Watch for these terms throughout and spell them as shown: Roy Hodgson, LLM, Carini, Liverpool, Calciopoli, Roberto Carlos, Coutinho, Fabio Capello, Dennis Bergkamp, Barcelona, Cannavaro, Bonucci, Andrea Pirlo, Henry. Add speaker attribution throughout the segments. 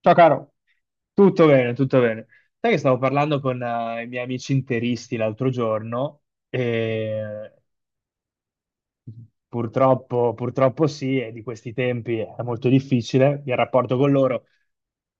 Speaker 1: Ciao caro, tutto bene, tutto bene. Sai che stavo parlando con i miei amici interisti l'altro giorno. Purtroppo, purtroppo sì, e di questi tempi è molto difficile il rapporto con loro.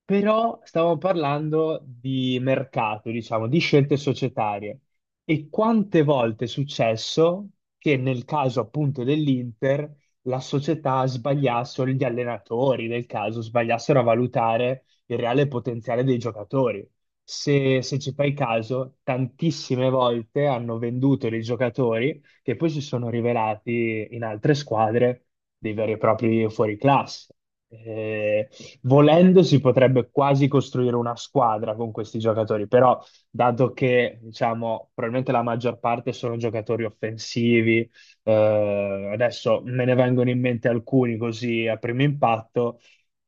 Speaker 1: Però stavamo parlando di mercato, diciamo, di scelte societarie. E quante volte è successo che nel caso appunto dell'Inter la società sbagliasse, o gli allenatori del caso sbagliassero a valutare il reale potenziale dei giocatori. Se ci fai caso, tantissime volte hanno venduto dei giocatori che poi si sono rivelati in altre squadre dei veri e propri fuoriclasse. Eh, Volendo si potrebbe quasi costruire una squadra con questi giocatori, però dato che diciamo probabilmente la maggior parte sono giocatori offensivi, adesso me ne vengono in mente alcuni così a primo impatto,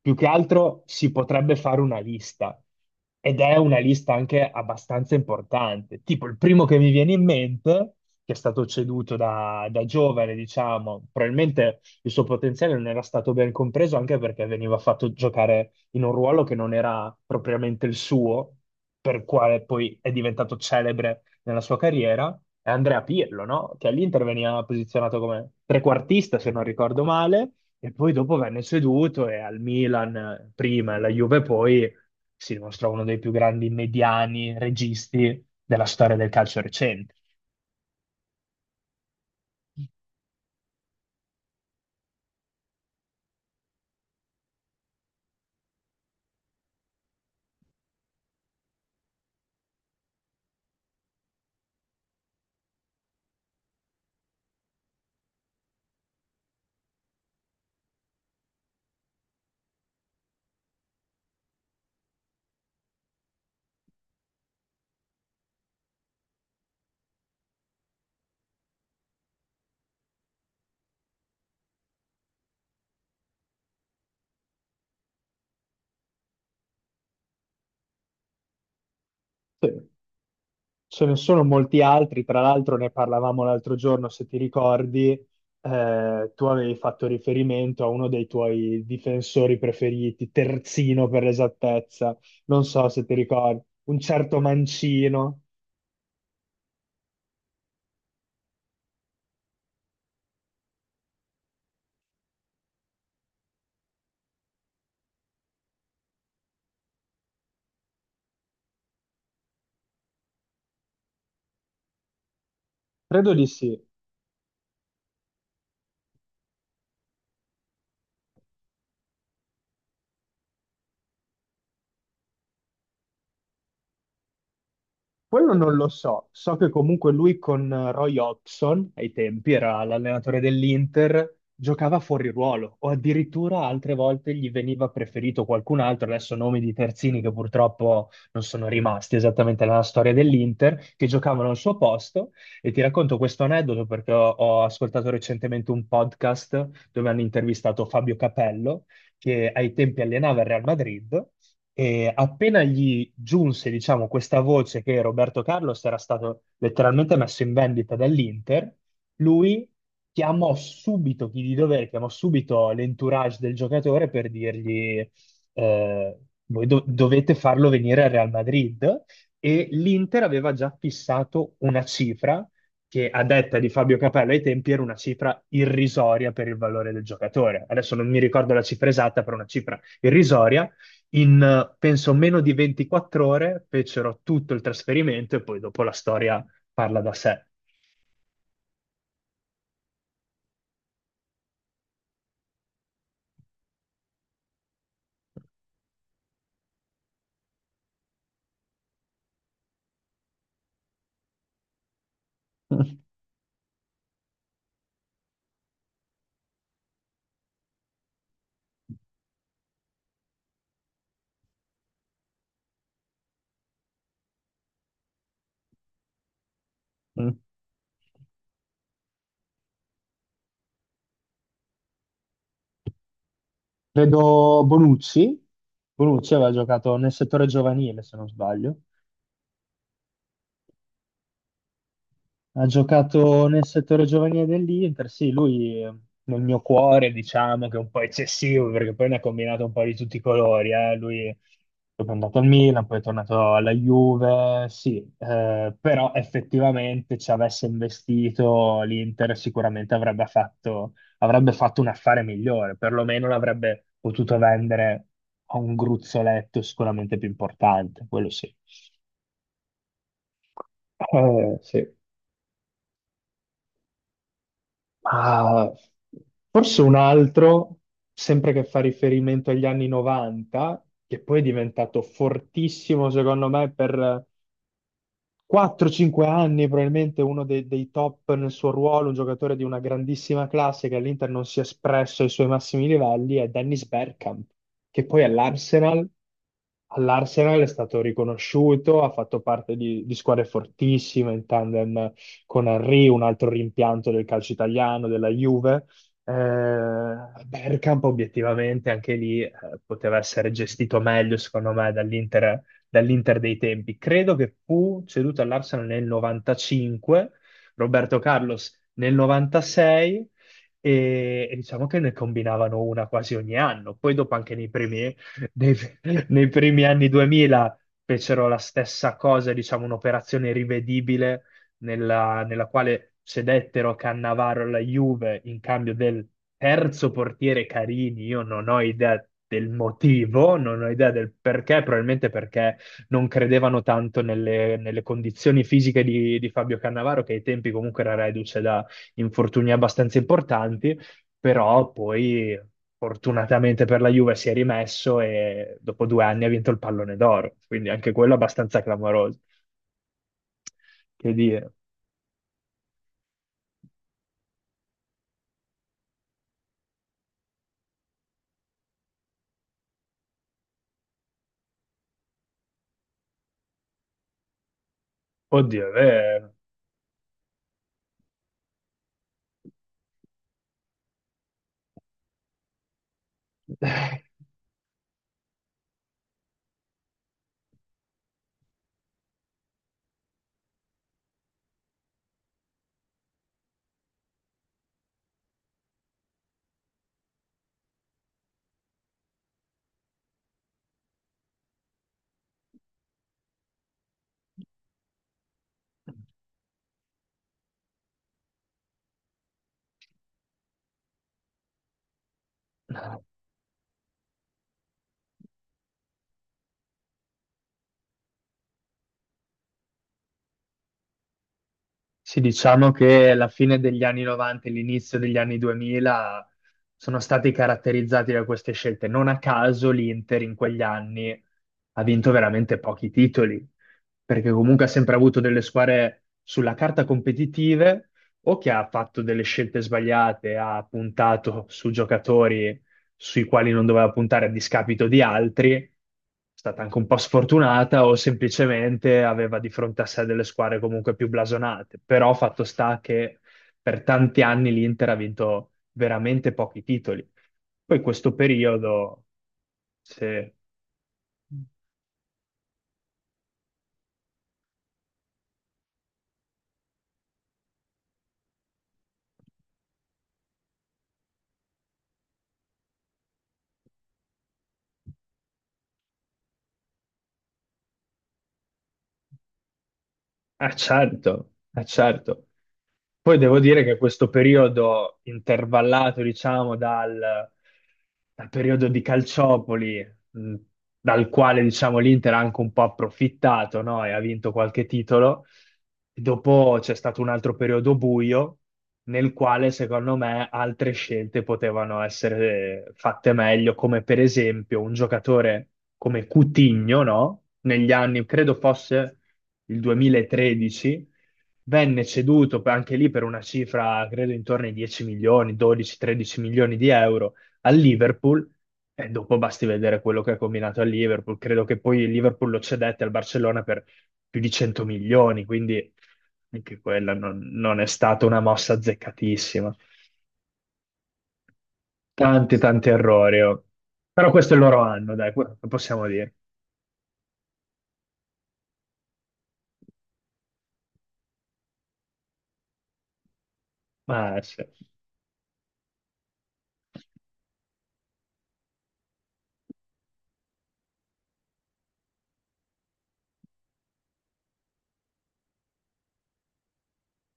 Speaker 1: più che altro si potrebbe fare una lista ed è una lista anche abbastanza importante. Tipo il primo che mi viene in mente, che è stato ceduto da giovane, diciamo, probabilmente il suo potenziale non era stato ben compreso anche perché veniva fatto giocare in un ruolo che non era propriamente il suo, per quale poi è diventato celebre nella sua carriera. È Andrea Pirlo, no? Che all'Inter veniva posizionato come trequartista, se non ricordo male, e poi dopo venne ceduto e al Milan prima, e alla Juve poi, si dimostra uno dei più grandi mediani registi della storia del calcio recente. Sì. Ce ne sono molti altri, tra l'altro ne parlavamo l'altro giorno, se ti ricordi, tu avevi fatto riferimento a uno dei tuoi difensori preferiti, terzino per l'esattezza, non so se ti ricordi, un certo Mancino, credo di sì. Quello non lo so, so che comunque lui con Roy Hodgson, ai tempi era l'allenatore dell'Inter, giocava fuori ruolo o addirittura altre volte gli veniva preferito qualcun altro, adesso nomi di terzini che purtroppo non sono rimasti esattamente nella storia dell'Inter, che giocavano al suo posto. E ti racconto questo aneddoto perché ho ascoltato recentemente un podcast dove hanno intervistato Fabio Capello che ai tempi allenava il Real Madrid e appena gli giunse, diciamo, questa voce che Roberto Carlos era stato letteralmente messo in vendita dall'Inter, lui chiamò subito chi di dovere, chiamò subito l'entourage del giocatore per dirgli eh, voi dovete farlo venire al Real Madrid. E l'Inter aveva già fissato una cifra che a detta di Fabio Capello ai tempi era una cifra irrisoria per il valore del giocatore. Adesso non mi ricordo la cifra esatta, però una cifra irrisoria in penso meno di 24 ore fecero tutto il trasferimento e poi dopo la storia parla da sé. Mm. Vedo Bonucci. Bonucci aveva giocato nel settore giovanile, se non sbaglio. Ha giocato nel settore giovanile dell'Inter, sì, lui nel mio cuore diciamo che è un po' eccessivo perché poi ne ha combinato un po' di tutti i colori, eh. Lui è andato al Milan, poi è tornato alla Juve, sì, però effettivamente ci avesse investito l'Inter sicuramente avrebbe fatto un affare migliore, perlomeno l'avrebbe potuto vendere a un gruzzoletto sicuramente più importante, quello sì. Sì. Ma forse un altro, sempre che fa riferimento agli anni 90, che poi è diventato fortissimo secondo me per 4-5 anni, probabilmente uno dei top nel suo ruolo, un giocatore di una grandissima classe che all'Inter non si è espresso ai suoi massimi livelli, è Dennis Bergkamp, che poi all'Arsenal è stato riconosciuto, ha fatto parte di squadre fortissime in tandem con Henry, un altro rimpianto del calcio italiano, della Juve. Eh, Bergkamp obiettivamente anche lì poteva essere gestito meglio, secondo me, dall'Inter dei tempi. Credo che fu ceduto all'Arsenal nel 95, Roberto Carlos nel 96 e diciamo che ne combinavano una quasi ogni anno. Poi dopo anche nei primi, nei- nei primi anni 2000 fecero la stessa cosa, diciamo un'operazione rivedibile nella quale cedettero Cannavaro alla Juve in cambio del terzo portiere Carini. Io non ho idea del motivo, non ho idea del perché, probabilmente perché non credevano tanto nelle condizioni fisiche di Fabio Cannavaro, che ai tempi comunque era reduce da infortuni abbastanza importanti, però poi fortunatamente per la Juve si è rimesso e dopo 2 anni ha vinto il pallone d'oro, quindi anche quello abbastanza clamoroso. Che dire, oddio, Sì, diciamo che la fine degli anni 90 e l'inizio degli anni 2000 sono stati caratterizzati da queste scelte. Non a caso l'Inter in quegli anni ha vinto veramente pochi titoli, perché comunque ha sempre avuto delle squadre sulla carta competitive o che ha fatto delle scelte sbagliate, ha puntato su giocatori sui quali non doveva puntare a discapito di altri, è stata anche un po' sfortunata o semplicemente aveva di fronte a sé delle squadre comunque più blasonate. Però fatto sta che per tanti anni l'Inter ha vinto veramente pochi titoli. Poi questo periodo, se. Ah certo, ah certo. Poi devo dire che questo periodo intervallato, diciamo, dal periodo di Calciopoli, dal quale, diciamo, l'Inter ha anche un po' approfittato, no? E ha vinto qualche titolo. Dopo c'è stato un altro periodo buio, nel quale secondo me altre scelte potevano essere fatte meglio, come per esempio un giocatore come Coutinho, no? Negli anni, credo fosse il 2013, venne ceduto anche lì per una cifra, credo intorno ai 10 milioni, 12-13 milioni di euro al Liverpool. E dopo basti vedere quello che ha combinato al Liverpool. Credo che poi il Liverpool lo cedette al Barcellona per più di 100 milioni, quindi anche quella non è stata una mossa azzeccatissima. Tanti, tanti errori. Oh. Però questo è il loro anno, dai, lo possiamo dire. Ma sì.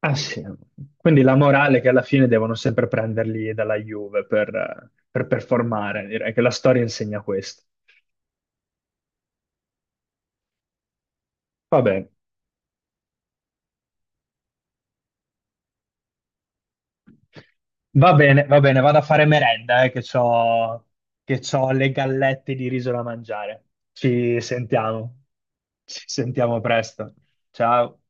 Speaker 1: Ah, sì. Quindi la morale è che alla fine devono sempre prenderli dalla Juve per performare, direi che la storia insegna questo. Va bene. Va bene, va bene, vado a fare merenda, che c'ho le gallette di riso da mangiare. Ci sentiamo. Ci sentiamo presto. Ciao.